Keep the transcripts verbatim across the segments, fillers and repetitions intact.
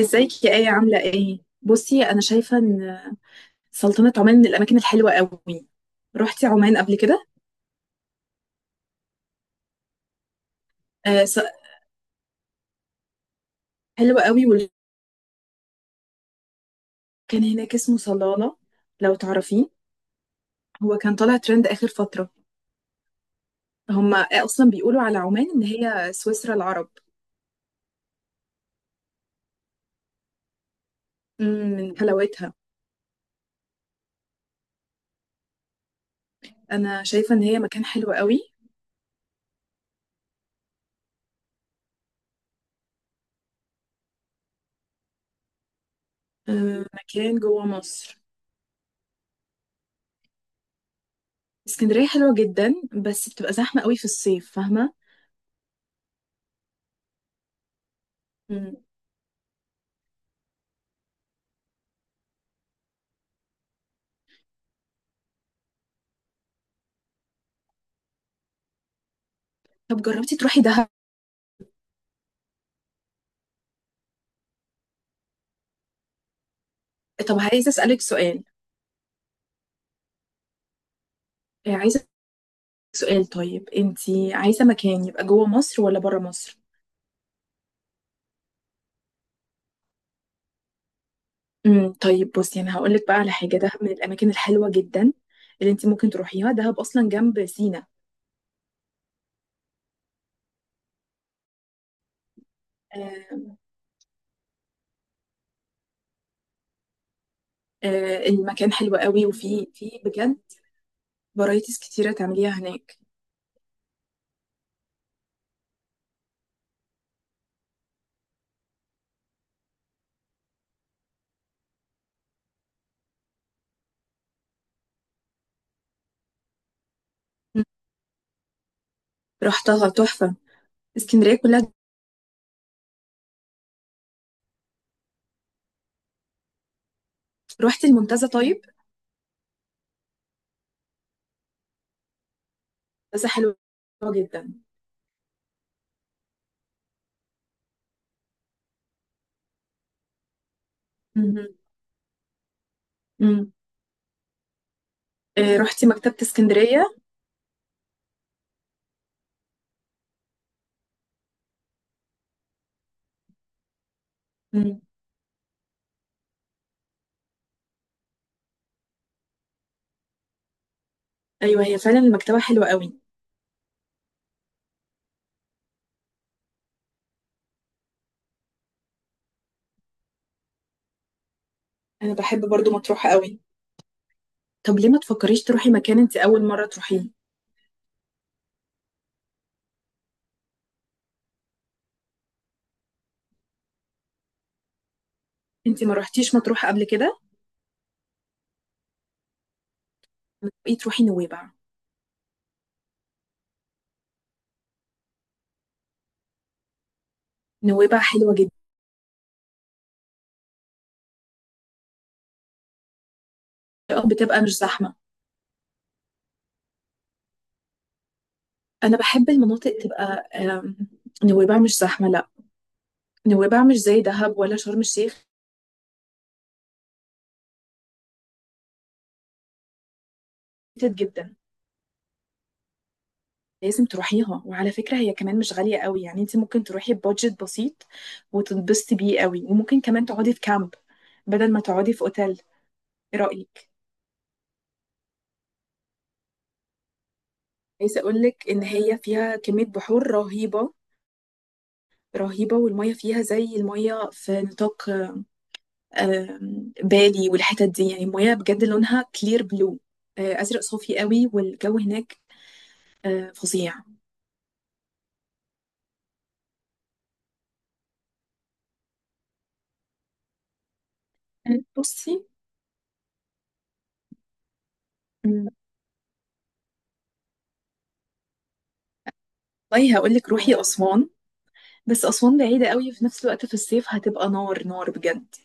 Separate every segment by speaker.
Speaker 1: ازيك يا آية، عاملة ايه؟ بصي، أنا شايفة إن سلطنة عمان من الأماكن الحلوة قوي. رحتي عمان قبل كده؟ آه س- حلوة قوي. وكان هناك اسمه صلالة، لو تعرفيه. هو كان طالع ترند آخر فترة. هما أصلا بيقولوا على عمان إن هي سويسرا العرب. مم، من حلاوتها. أنا شايفة إن هي مكان حلو قوي. آه، مكان جوه مصر. اسكندرية حلوة جدا، بس بتبقى زحمة قوي في الصيف، فاهمة؟ مم. طب جربتي تروحي دهب؟ طب عايزة أسألك سؤال. آه، عايزة سؤال طيب، انتي عايزة مكان يبقى جوه مصر ولا بره مصر؟ امم طيب، بصي انا هقولك بقى على حاجة. دهب من الأماكن الحلوة جدا اللي انتي ممكن تروحيها. دهب أصلا جنب سينا. آم، آه، المكان حلو قوي. وفي في بجد فرايتيز كتيرة تعمليها هناك. مم. رحتها تحفة. اسكندرية كلها. رحتي المنتزه طيب؟ بس حلوة جدا. مم. مم. آه، رحتي مكتبة اسكندرية؟ مم. أيوة، هي فعلا المكتبة حلوة قوي. أنا بحب برضو مطروحة قوي. طب ليه ما تفكريش تروحي مكان انت اول مره تروحيه؟ انت ما روحتيش مطروح قبل كده؟ ما تبقي تروحي نويبع. نويبع حلوه جدا. آه، بتبقى مش زحمه. انا بحب المناطق تبقى. آم، نويبع مش زحمه، لا. نويبع مش زي دهب ولا شرم الشيخ. كتير جدا. لازم تروحيها. وعلى فكره هي كمان مش غاليه قوي، يعني انت ممكن تروحي ببادجت بسيط وتتبسطي بيه قوي. وممكن كمان تقعدي في كامب بدل ما تقعدي في اوتيل. ايه رايك؟ عايزه اقول لك ان هي فيها كميه بحور رهيبه. رهيبة، والمية فيها زي المية في نطاق آم، بالي والحتت دي. يعني المية بجد لونها كلير بلو، آه، أزرق صافي قوي. والجو هناك آه، فظيع. آه، بصي، مم، والله هقول لك روحي أسوان. بس أسوان بعيدة قوي، في نفس الوقت في الصيف هتبقى نار نار بجد.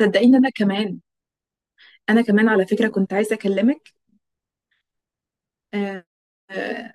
Speaker 1: صدقيني، أنا كمان. أنا كمان على فكرة كنت عايزة أكلمك. آه، آه،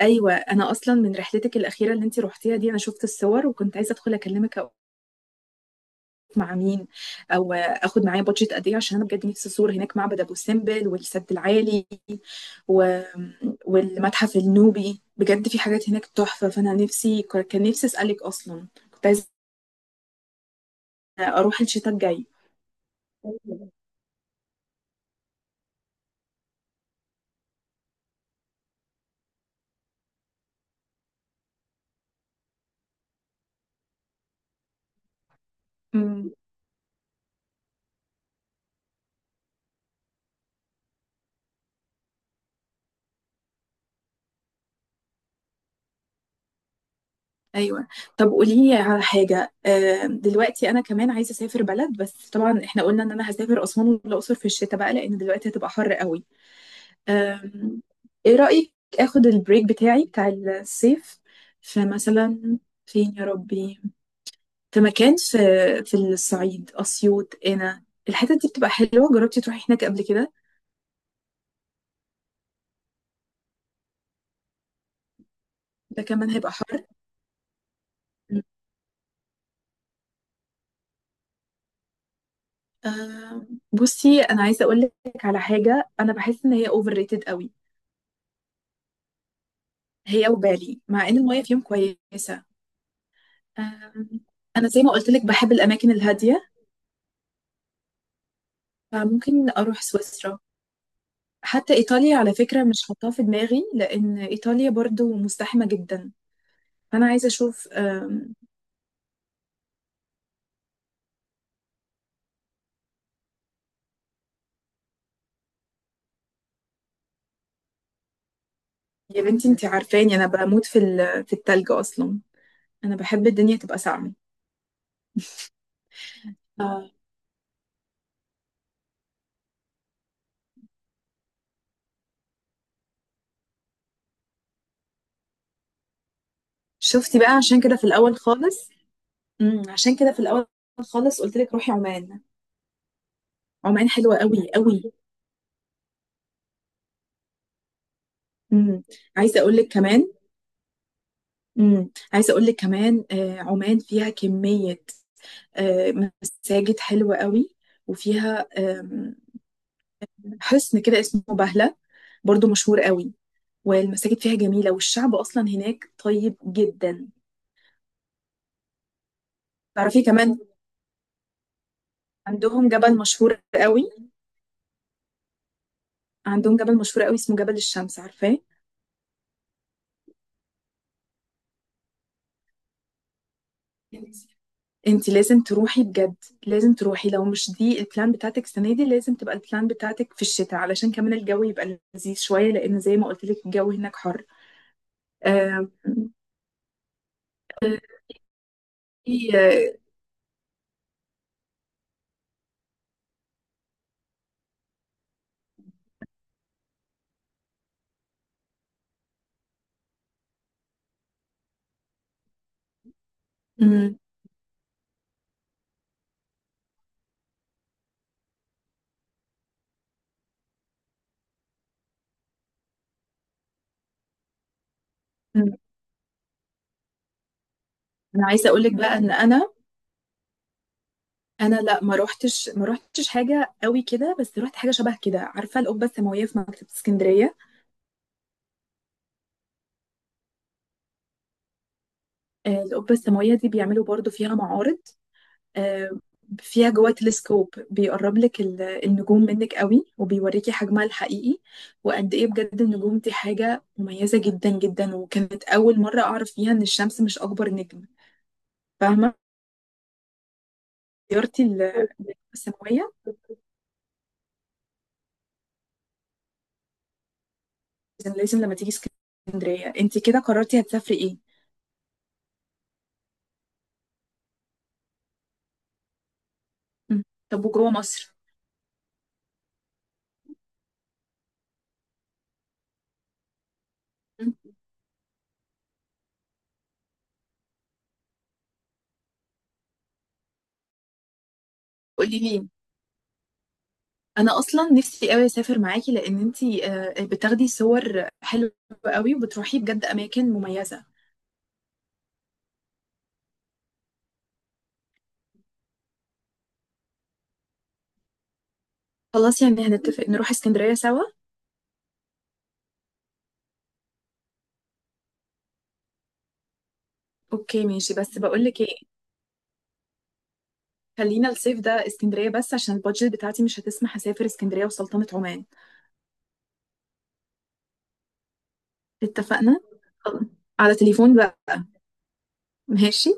Speaker 1: أيوة، أنا أصلا من رحلتك الأخيرة اللي أنت روحتيها دي، أنا شفت الصور وكنت عايزة أدخل أكلمك مع مين، او اخد معايا بادجت قد ايه، عشان انا بجد نفسي ازور هناك معبد ابو سمبل والسد العالي و... والمتحف النوبي. بجد في حاجات هناك تحفة. فانا نفسي كان نفسي اسالك اصلا. كنت عايزة اروح الشتاء الجاي. امم ايوه. طب قولي لي على حاجه. آه، دلوقتي انا كمان عايزه اسافر بلد. بس طبعا احنا قلنا ان انا هسافر اسوان والاقصر في الشتاء بقى، لان دلوقتي هتبقى حر قوي. أم، ايه رأيك اخد البريك بتاعي بتاع الصيف، فمثلا فين يا ربي؟ في مكان في في الصعيد، أسيوط. هنا الحتة دي بتبقى حلوة. جربتي تروحي هناك قبل كده؟ ده كمان هيبقى حر. أم، بصي، انا عايزة اقول لك على حاجة. انا بحس ان هي اوفر ريتد قوي، هي وبالي، مع ان المية فيهم كويسة. أم، انا زي ما قلت لك بحب الاماكن الهادية، فممكن اروح سويسرا. حتى إيطاليا على فكرة مش حاطاه في دماغي، لأن إيطاليا برضو مزدحمة جدا. فأنا عايزة أشوف. أم، يا بنتي أنتي عارفاني، أنا بموت في ال- في التلج أصلا. أنا بحب الدنيا تبقى ساقعة. اه شفتي بقى؟ عشان كده في الأول خالص، مم، عشان كده في الأول خالص قلت لك روحي عمان. عمان حلوة قوي قوي. مم. عايزة أقول لك كمان. مم. عايزة أقول لك كمان، آه، عمان فيها كمية آه، مساجد حلوة قوي، وفيها حصن كده اسمه بهلة، برضو مشهور قوي. والمساجد فيها جميلة، والشعب أصلا هناك طيب جدا. تعرفي كمان، عندهم جبل مشهور قوي عندهم جبل مشهور قوي اسمه جبل الشمس، عارفاه؟ انت لازم تروحي بجد. لازم تروحي. لو مش دي البلان بتاعتك السنة دي، لازم تبقى البلان بتاعتك في الشتاء، علشان كمان الجو يبقى لذيذ شوية، لأن زي ما قلت لك الجو هناك حر. آم، في- آه، مم، مم. أنا عايزة أقول لك بقى إن أنا انا، لا، ما روحتش ما روحتش حاجه قوي كده، بس روحت حاجه شبه كده. عارفه القبه السماويه في مكتبه اسكندريه؟ آه، القبه السماويه دي بيعملوا برضو فيها معارض. آه، فيها جوه تلسكوب بيقرب لك ال- النجوم منك قوي، وبيوريكي حجمها الحقيقي وقد ايه. بجد النجوم دي حاجه مميزه جدا جدا. وكانت اول مره اعرف فيها ان الشمس مش اكبر نجم، فاهمه؟ زيارتي ال- القبه السماويه. لازم لازم لما تيجي اسكندريه. انت كده قررتي هتسافري ايه؟ م. طب وجوه مصر؟ قولي لي. انا اصلا نفسي قوي اسافر معاكي، لان انتي آه، بتاخدي صور حلوه قوي وبتروحي بجد اماكن مميزه. خلاص، يعني هنتفق نروح اسكندريه سوا. اوكي، ماشي. بس بقولك ايه، خلينا الصيف ده اسكندريه بس، عشان البادجت بتاعتي مش هتسمح اسافر اسكندريه وسلطنه عمان. اتفقنا. خلاص. على تليفون بقى. ماشي.